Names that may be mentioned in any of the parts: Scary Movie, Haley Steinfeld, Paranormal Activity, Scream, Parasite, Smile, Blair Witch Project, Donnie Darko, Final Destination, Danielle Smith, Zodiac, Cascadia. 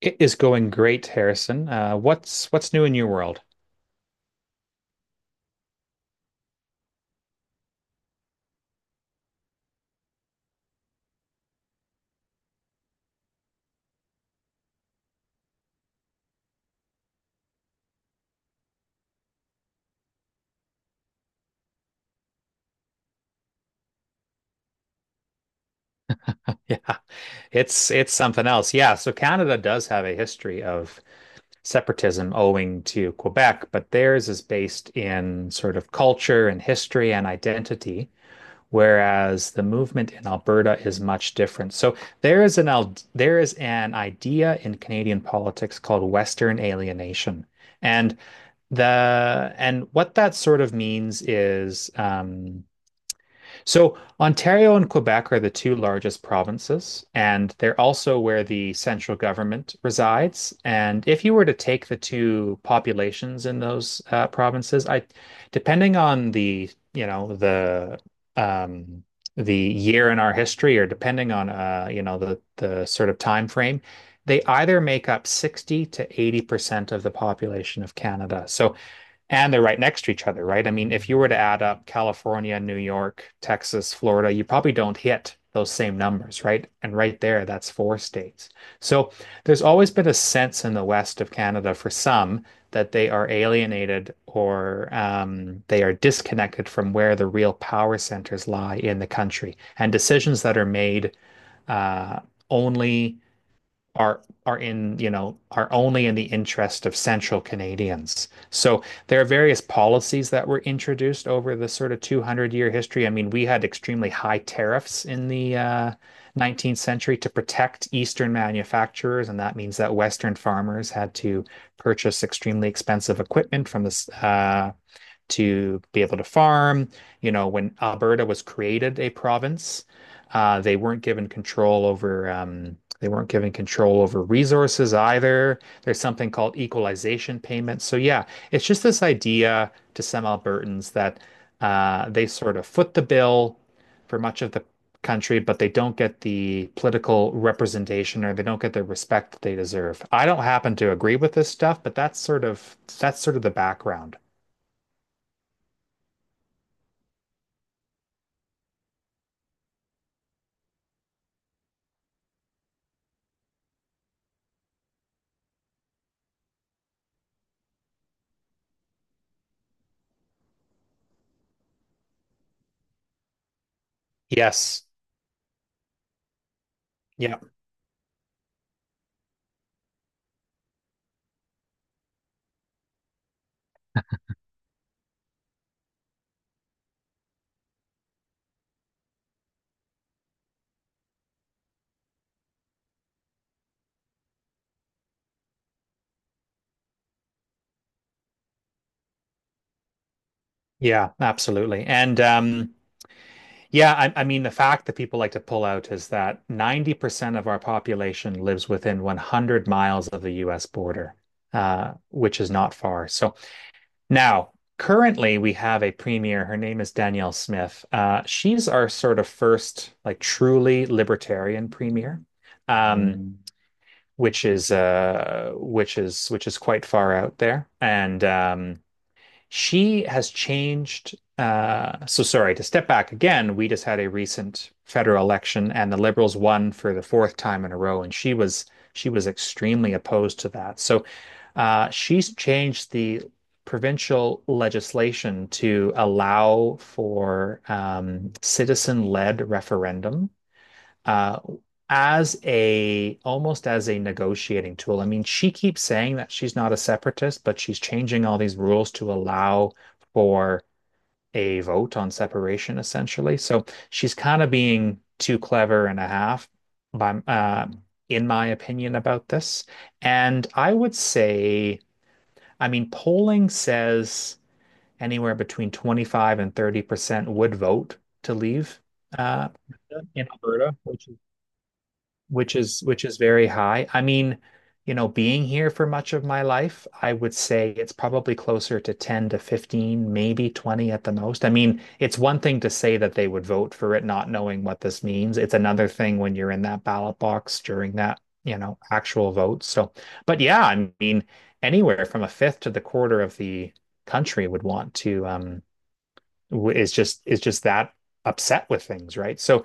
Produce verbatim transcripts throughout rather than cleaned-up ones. It is going great, Harrison. Uh, what's what's new in your world? Yeah, it's it's something else. Yeah, so Canada does have a history of separatism owing to Quebec, but theirs is based in sort of culture and history and identity, whereas the movement in Alberta is much different. So there is an there is an idea in Canadian politics called Western alienation, and the and what that sort of means is. Um, So Ontario and Quebec are the two largest provinces, and they're also where the central government resides. And if you were to take the two populations in those uh, provinces, I, depending on the, you know, the um, the year in our history, or depending on uh, you know, the the sort of time frame, they either make up sixty to eighty percent of the population of Canada. So and they're right next to each other, right? I mean, if you were to add up California, New York, Texas, Florida, you probably don't hit those same numbers, right? And right there, that's four states. So there's always been a sense in the west of Canada for some that they are alienated or um, they are disconnected from where the real power centers lie in the country. And decisions that are made uh, only are are in, you know, are only in the interest of Central Canadians. So there are various policies that were introduced over the sort of two hundred year history. I mean, we had extremely high tariffs in the uh, nineteenth century to protect Eastern manufacturers, and that means that Western farmers had to purchase extremely expensive equipment from the uh, to be able to farm. You know, when Alberta was created a province, uh, they weren't given control over um, they weren't given control over resources either. There's something called equalization payments. So yeah, it's just this idea to some Albertans that uh, they sort of foot the bill for much of the country, but they don't get the political representation or they don't get the respect that they deserve. I don't happen to agree with this stuff, but that's sort of that's sort of the background. Yes. Yeah, yeah, absolutely. And um, yeah, I, I mean, the fact that people like to pull out is that ninety percent of our population lives within one hundred miles of the U S border, uh, which is not far. So now, currently, we have a premier. Her name is Danielle Smith. Uh, she's our sort of first, like, truly libertarian premier. Um, Mm. Which is uh which is which is quite far out there and um She has changed. Uh, so sorry to step back again. We just had a recent federal election, and the Liberals won for the fourth time in a row, and she was she was extremely opposed to that. So uh, she's changed the provincial legislation to allow for um, citizen-led referendum uh, as a almost as a negotiating tool. I mean, she keeps saying that she's not a separatist, but she's changing all these rules to allow for a vote on separation, essentially. So she's kind of being too clever and a half, by, uh, in my opinion, about this. And I would say, I mean, polling says anywhere between twenty-five and thirty percent would vote to leave uh, in Alberta, which which is which is very high. I mean, you know, being here for much of my life, I would say it's probably closer to ten to fifteen, maybe twenty at the most. I mean, it's one thing to say that they would vote for it not knowing what this means. It's another thing when you're in that ballot box during that, you know, actual vote. So, but yeah, I mean, anywhere from a fifth to the quarter of the country would want to um w- is just is just that upset with things, right? So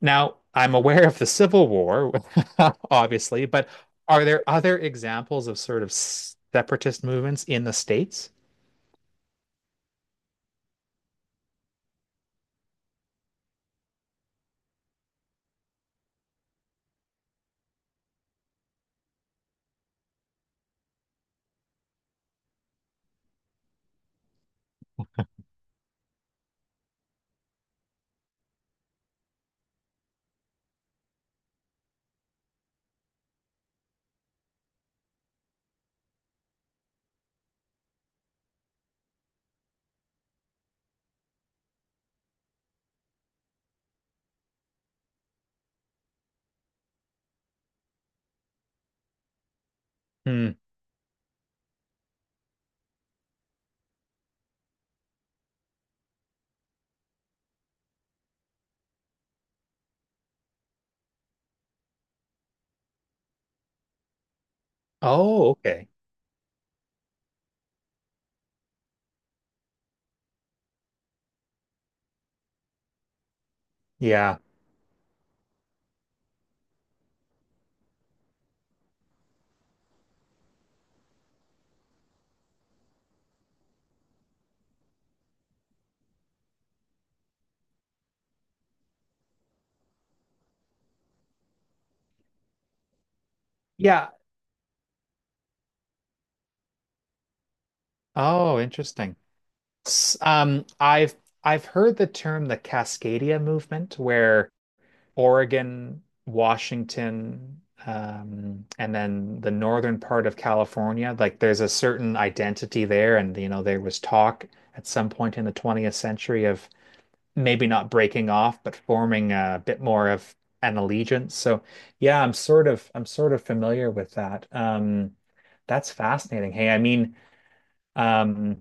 now I'm aware of the Civil War, obviously, but are there other examples of sort of separatist movements in the States? Hmm. Oh, okay. Yeah. Yeah. Oh, interesting. S- Um, I've I've heard the term the Cascadia movement, where Oregon, Washington, um, and then the northern part of California. Like there's a certain identity there, and you know there was talk at some point in the twentieth century of maybe not breaking off, but forming a bit more of an allegiance. So yeah, I'm sort of I'm sort of familiar with that. Um, that's fascinating. Hey, I mean, um,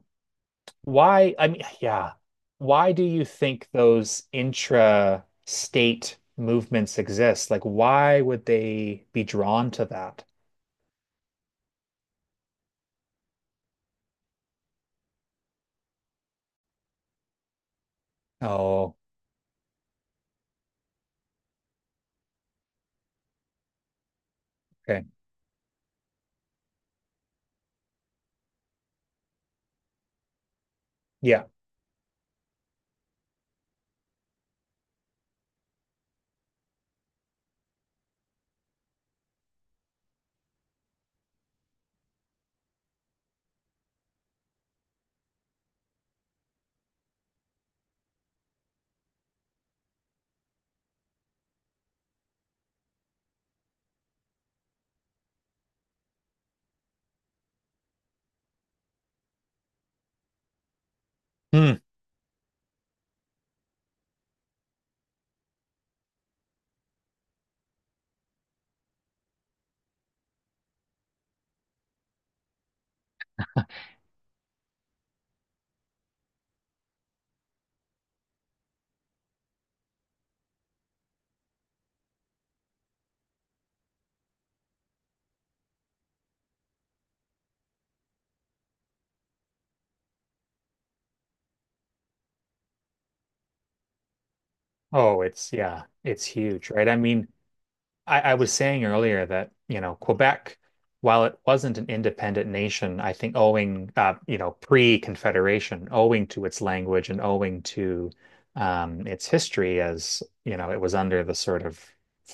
why, I mean, yeah. Why do you think those intra-state movements exist? Like, why would they be drawn to that? Oh, okay. Yeah. Hmm. Oh, it's, yeah, it's huge, right? I mean, I, I was saying earlier that, you know, Quebec, while it wasn't an independent nation, I think owing, uh, you know, pre-Confederation, owing to its language and owing to um, its history, as, you know, it was under the sort of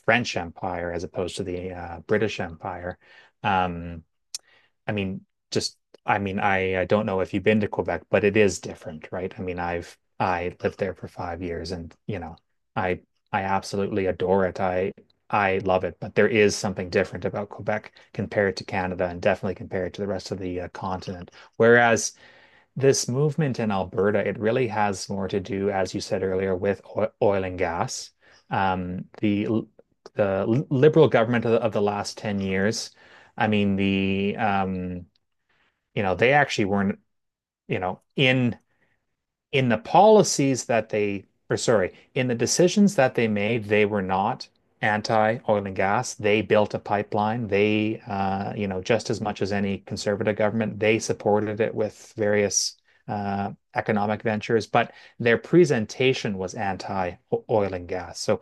French Empire as opposed to the uh, British Empire. Um, I mean, just I mean, I, I don't know if you've been to Quebec, but it is different, right? I mean, I've I lived there for five years and you know, I I absolutely adore it. I I love it, but there is something different about Quebec compared to Canada and definitely compared to the rest of the uh, continent. Whereas this movement in Alberta, it really has more to do, as you said earlier, with oil, oil and gas. Um, the the liberal government of the, of the last ten years, I mean, the um, you know they actually weren't you know in in the policies that they or sorry in the decisions that they made they were not anti oil and gas. They built a pipeline. They uh, you know just as much as any conservative government they supported it with various uh, economic ventures, but their presentation was anti oil and gas. So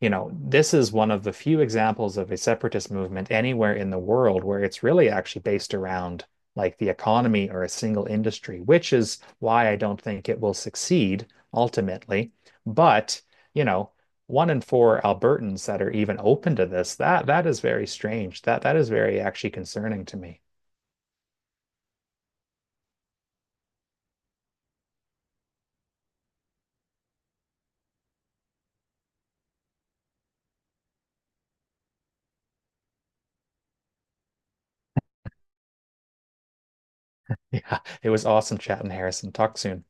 you know this is one of the few examples of a separatist movement anywhere in the world where it's really actually based around like the economy or a single industry, which is why I don't think it will succeed ultimately. But, you know, one in four Albertans that are even open to this, that that is very strange. That that is very actually concerning to me. Yeah, it was awesome chatting, Harrison. Talk soon.